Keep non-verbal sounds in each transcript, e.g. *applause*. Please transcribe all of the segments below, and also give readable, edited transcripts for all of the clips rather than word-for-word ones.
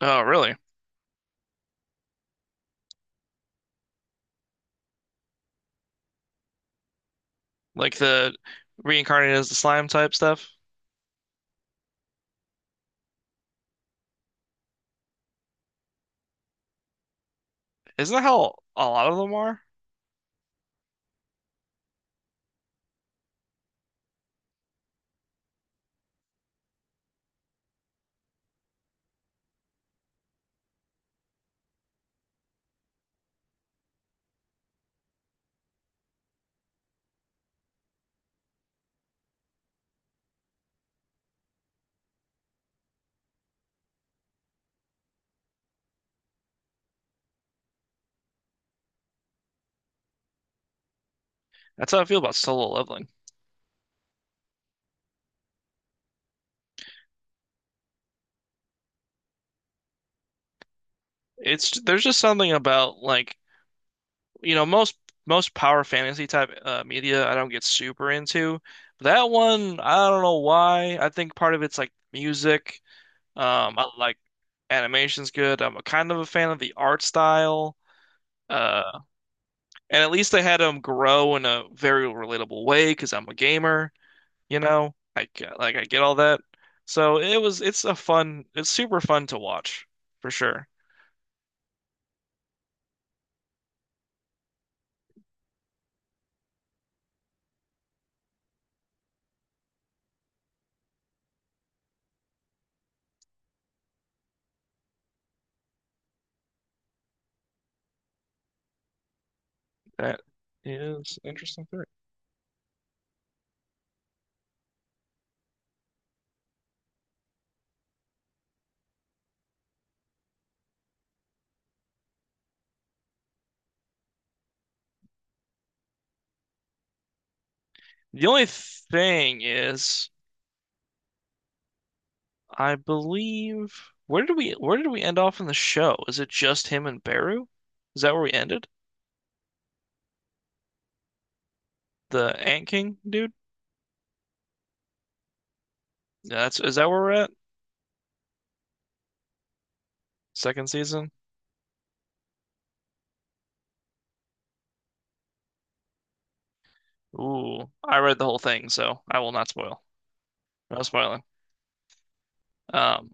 Oh, really? Like the reincarnated as the slime type stuff? Isn't that how a lot of them are? That's how I feel about solo leveling. It's there's just something about like you know most most power fantasy type media I don't get super into. But that one I don't know why. I think part of it's like music. I like animation's good. I'm a kind of a fan of the art style. Uh, and at least they had them grow in a very relatable way because I'm a gamer. You know? I get I get all that. So it's a fun it's super fun to watch for sure. That is interesting theory. The only thing is I believe where did we end off in the show? Is it just him and Beru? Is that where we ended? The Ant King dude? Yeah, that's, is that where we're at? Second season? Ooh, I read the whole thing, so I will not spoil. No spoiling. Um,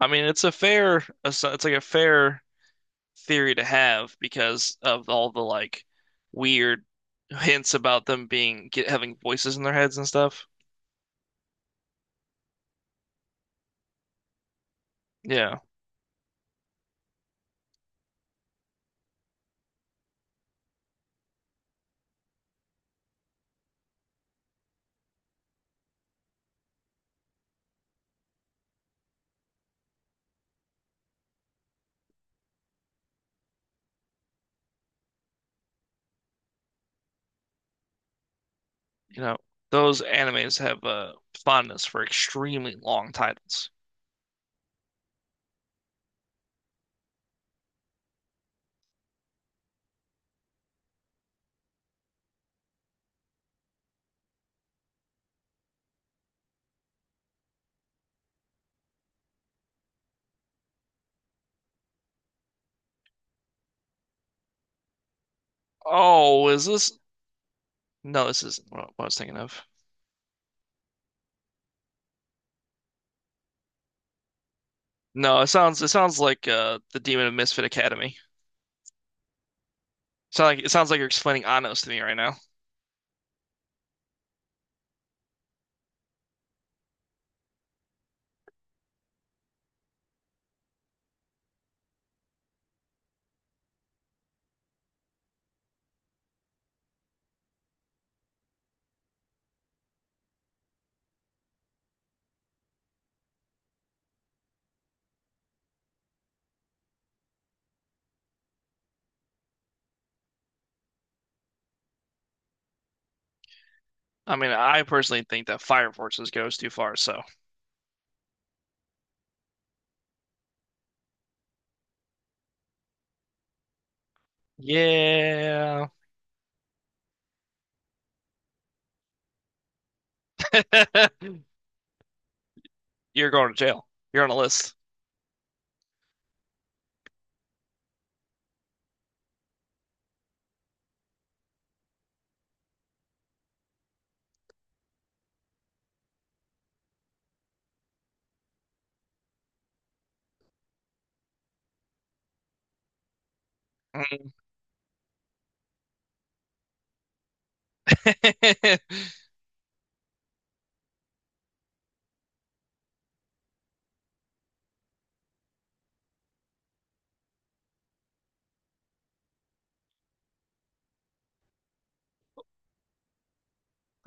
I mean, it's a fair, it's like a fair theory to have because of all the like weird hints about them having voices in their heads and stuff. Yeah, you know, those animes have a fondness for extremely long titles. Oh, is this? No, this isn't what I was thinking of. No, it sounds like the Demon of Misfit Academy. Sound like it sounds like you're explaining Anno's to me right now. I mean, I personally think that Fire Forces goes too far, so yeah, *laughs* you're going to jail. You're on a list. Mm-hmm. *laughs*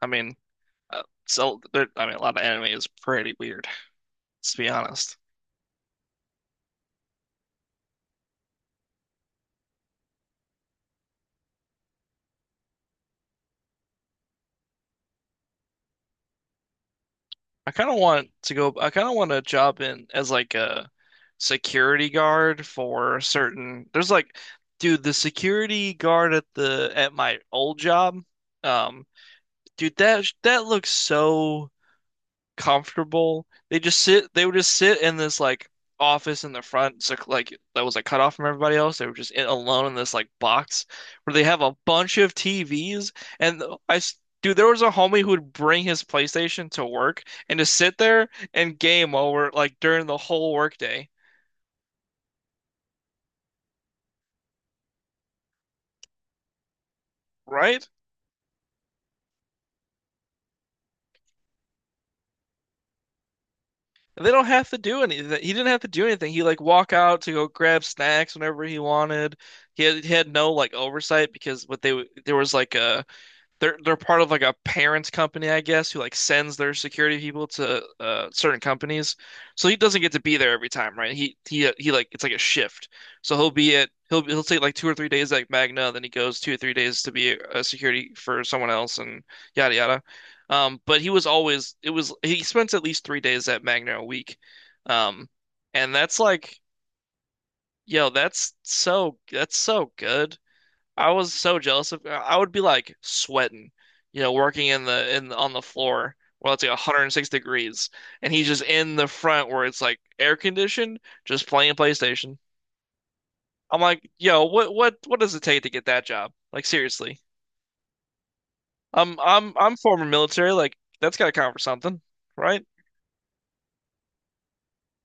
I mean, I mean, a lot of anime is pretty weird, to be honest. I kind of want to go. I kind of want a job in as like a security guard for certain. There's like, dude, the security guard at the at my old job. Um, dude, that looks so comfortable. They would just sit in this like office in the front, so like that was like cut off from everybody else. They were just in, alone in this like box where they have a bunch of TVs. And I, s- dude, there was a homie who would bring his PlayStation to work and just sit there and game over like during the whole workday, right? And they don't have to do anything. He didn't have to do anything. He like walk out to go grab snacks whenever he wanted. He had no like oversight because there was like a they're part of like a parents company, I guess, who like sends their security people to certain companies. So he doesn't get to be there every time, right? He it's like a shift. So he'll be at he'll take like 2 or 3 days like Magna, then he goes 2 or 3 days to be a security for someone else and yada yada. But he was always it was he spends at least 3 days at Magna a week, um, and that's like yo, that's so good. I was so jealous of I would be like sweating, you know, working in the in on the floor where it's like 106 degrees and he's just in the front where it's like air conditioned, just playing PlayStation. I'm like, yo, what does it take to get that job? Like seriously. I'm former military, like that's gotta count for something, right?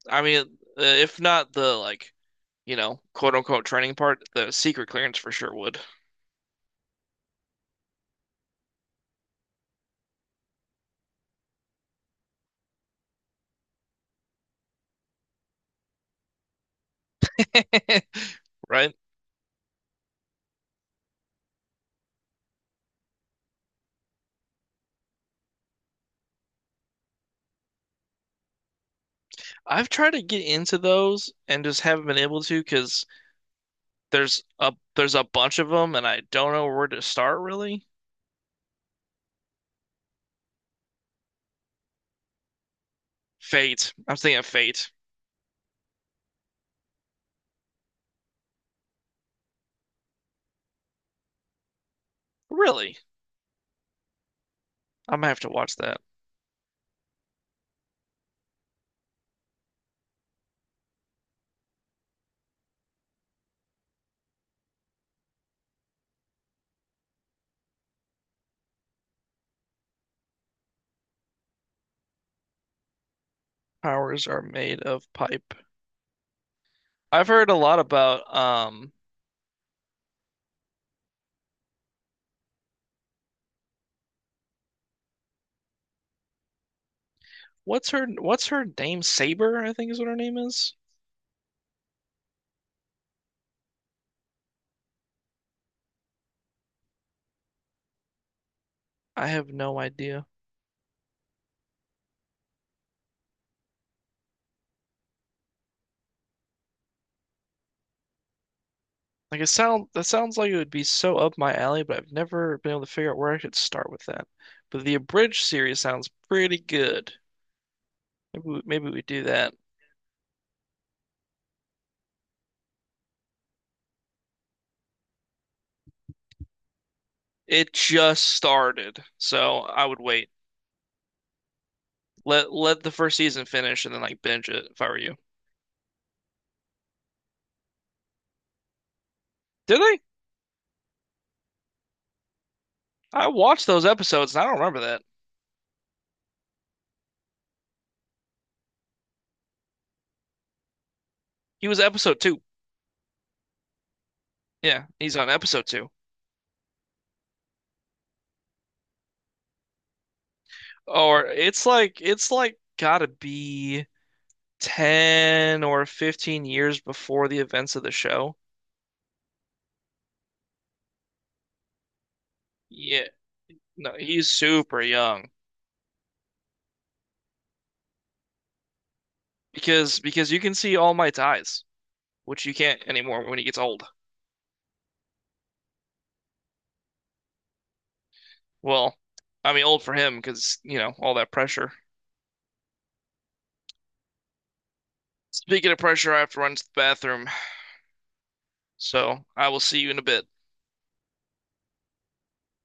I mean, if not the like, you know, quote unquote training part, the secret clearance for sure would, *laughs* right? I've tried to get into those and just haven't been able to because there's a bunch of them and I don't know where to start really. Fate. I'm thinking of Fate. Really? I'm gonna have to watch that. Powers are made of pipe. I've heard a lot about what's her name? Saber, I think is what her name is. I have no idea. Like it sound that sounds like it would be so up my alley, but I've never been able to figure out where I should start with that. But the Abridged series sounds pretty good. Maybe we do that. It just started, so I would wait. Let the first season finish and then like binge it if I were you. Did they? I watched those episodes and I don't remember that. He was episode two. Yeah, he's on episode two. Or it's like gotta be 10 or 15 years before the events of the show. Yeah. No, he's super young because you can see All my eyes, which you can't anymore when he gets old. Well, I mean old for him because, you know, all that pressure. Speaking of pressure, I have to run to the bathroom, so I will see you in a bit.